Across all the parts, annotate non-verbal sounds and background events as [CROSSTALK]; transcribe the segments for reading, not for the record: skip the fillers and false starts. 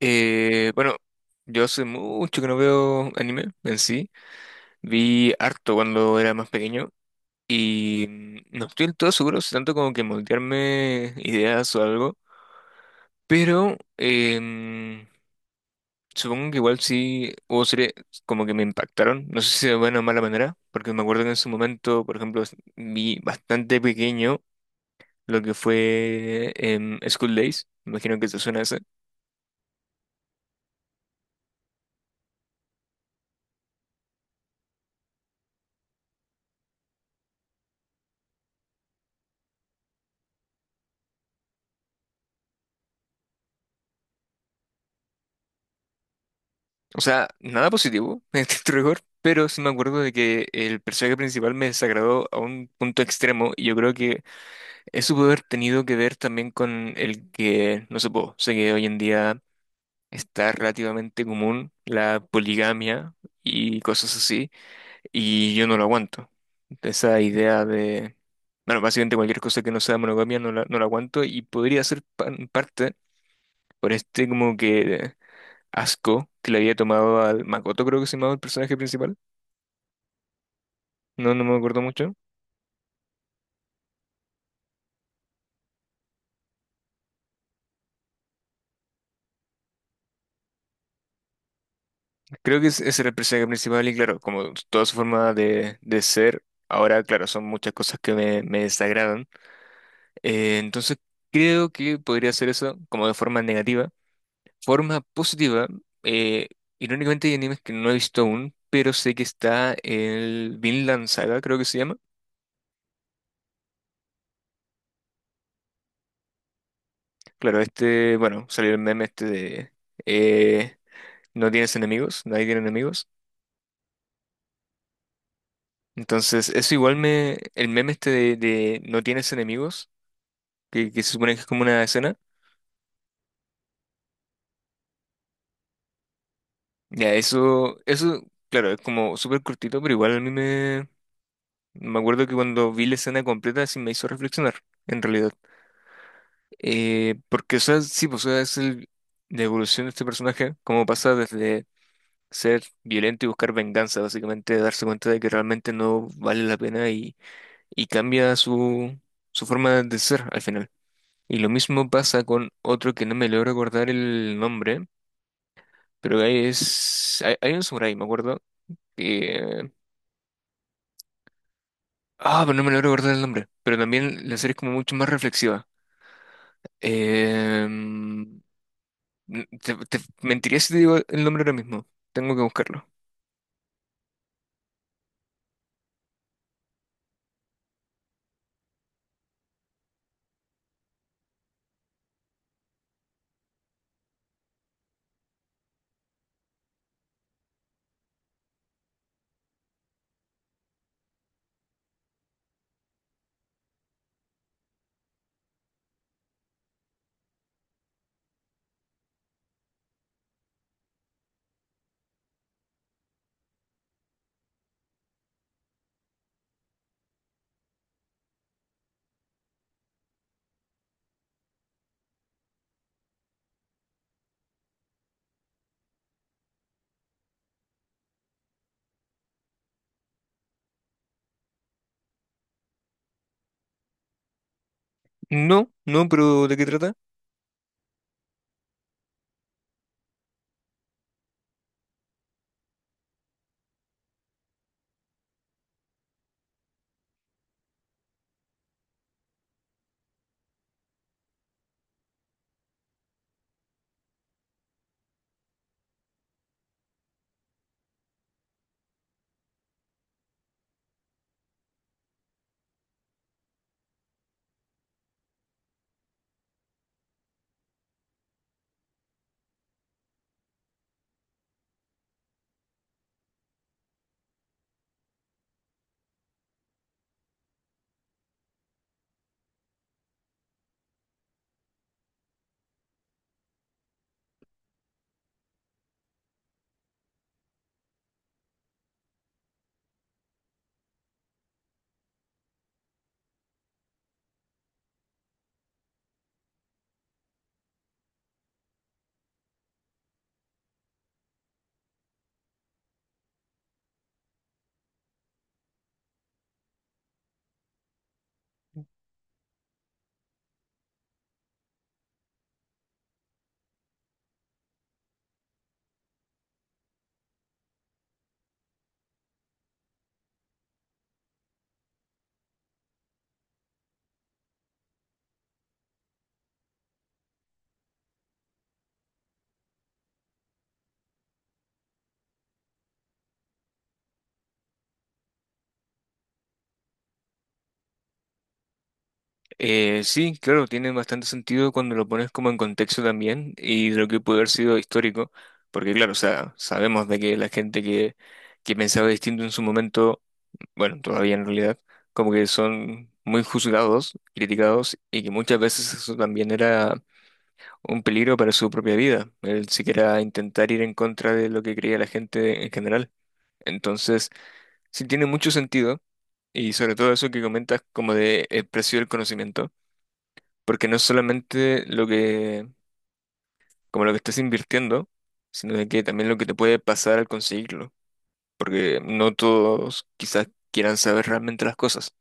Eh, bueno, yo hace mucho que no veo anime en sí. Vi harto cuando era más pequeño y no estoy del todo seguro, si tanto como que moldearme ideas o algo, pero supongo que igual sí hubo series como que me impactaron, no sé si de buena o mala manera, porque me acuerdo que en su momento, por ejemplo, vi bastante pequeño lo que fue School Days, me imagino que te suena ese. O sea, nada positivo [LAUGHS] en este rigor, pero sí me acuerdo de que el personaje principal me desagradó a un punto extremo y yo creo que eso puede haber tenido que ver también con el que, no sé, po, sé que hoy en día está relativamente común la poligamia y cosas así, y yo no lo aguanto. Esa idea de, bueno, básicamente cualquier cosa que no sea monogamia no la aguanto y podría ser en parte por este como que asco que le había tomado al Makoto, creo que se llamaba el personaje principal. No me acuerdo mucho. Creo que ese era el personaje principal y claro, como toda su forma de ser, ahora, claro, son muchas cosas que me desagradan. Entonces, creo que podría ser eso como de forma negativa. Forma positiva, eh, irónicamente hay animes que no he visto aún, pero sé que está el Vinland Saga, creo que se llama. Claro, este, bueno, salió el meme este de... eh, no tienes enemigos, nadie tiene enemigos. Entonces, eso igual me. El meme este de no tienes enemigos, que se supone que es como una escena. Ya, eso, claro, es como súper cortito, pero igual a mí me. Me acuerdo que cuando vi la escena completa sí me hizo reflexionar, en realidad. Porque, o sea, sí, pues, o sea, la evolución de este personaje, cómo pasa desde ser violento y buscar venganza, básicamente, darse cuenta de que realmente no vale la pena y cambia su forma de ser al final. Y lo mismo pasa con otro que no me logro acordar el nombre, pero ahí es... hay un samurái, me acuerdo, que... Ah, pero no me logro acordar el nombre. Pero también la serie es como mucho más reflexiva. Em, te mentiría si te digo el nombre ahora mismo. Tengo que buscarlo. No, pero ¿de qué trata? Sí, claro, tiene bastante sentido cuando lo pones como en contexto también y de lo que puede haber sido histórico, porque claro, o sea, sabemos de que la gente que pensaba distinto en su momento bueno, todavía en realidad, como que son muy juzgados, criticados y que muchas veces eso también era un peligro para su propia vida, el siquiera intentar ir en contra de lo que creía la gente en general. Entonces, sí tiene mucho sentido y sobre todo eso que comentas como de el precio del conocimiento, porque no es solamente como lo que estás invirtiendo, sino de que también lo que te puede pasar al conseguirlo, porque no todos quizás quieran saber realmente las cosas.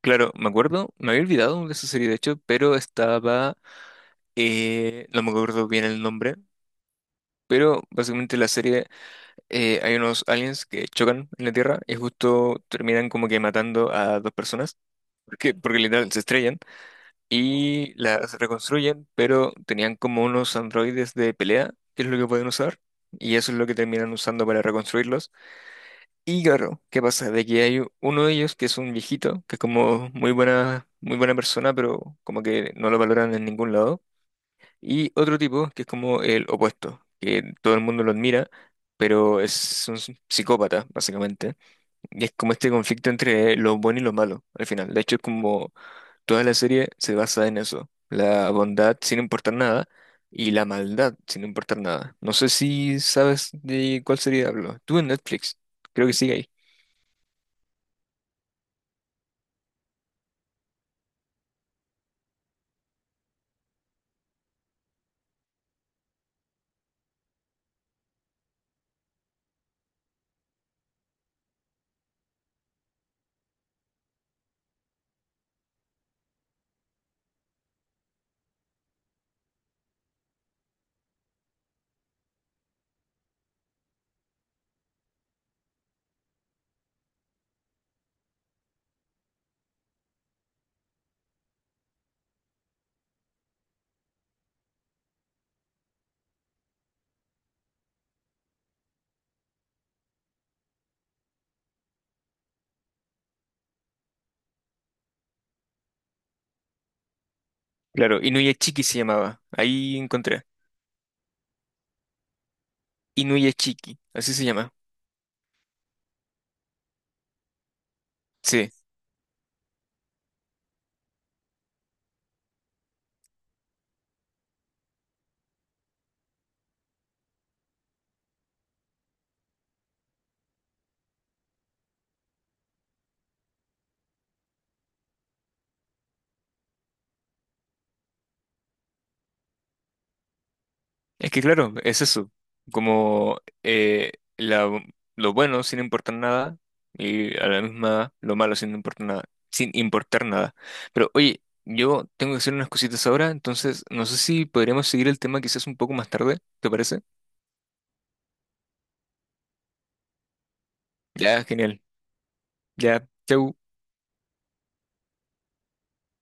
Claro, me acuerdo, me había olvidado de esa serie de hecho, pero estaba, no me acuerdo bien el nombre, pero básicamente la serie hay unos aliens que chocan en la Tierra y justo terminan como que matando a dos personas, porque literal se estrellan y las reconstruyen, pero tenían como unos androides de pelea, que es lo que pueden usar, y eso es lo que terminan usando para reconstruirlos. Y claro, ¿qué pasa? De que hay uno de ellos que es un viejito, que es como muy buena persona, pero como que no lo valoran en ningún lado. Y otro tipo que es como el opuesto, que todo el mundo lo admira, pero es un psicópata, básicamente. Y es como este conflicto entre lo bueno y lo malo, al final. De hecho, es como toda la serie se basa en eso. La bondad sin importar nada y la maldad sin importar nada. No sé si sabes de cuál serie hablo. Tú en Netflix, creo que sigue ahí. Claro, Inuyachiki se llamaba. Ahí encontré. Inuyachiki, así se llama. Sí, es que claro, es eso. Como la- lo bueno sin importar nada y a la misma lo malo sin importar nada. Sin importar nada. Pero oye, yo tengo que hacer unas cositas ahora, entonces no sé si podríamos seguir el tema quizás un poco más tarde, ¿te parece? Ya, genial. Ya, chau.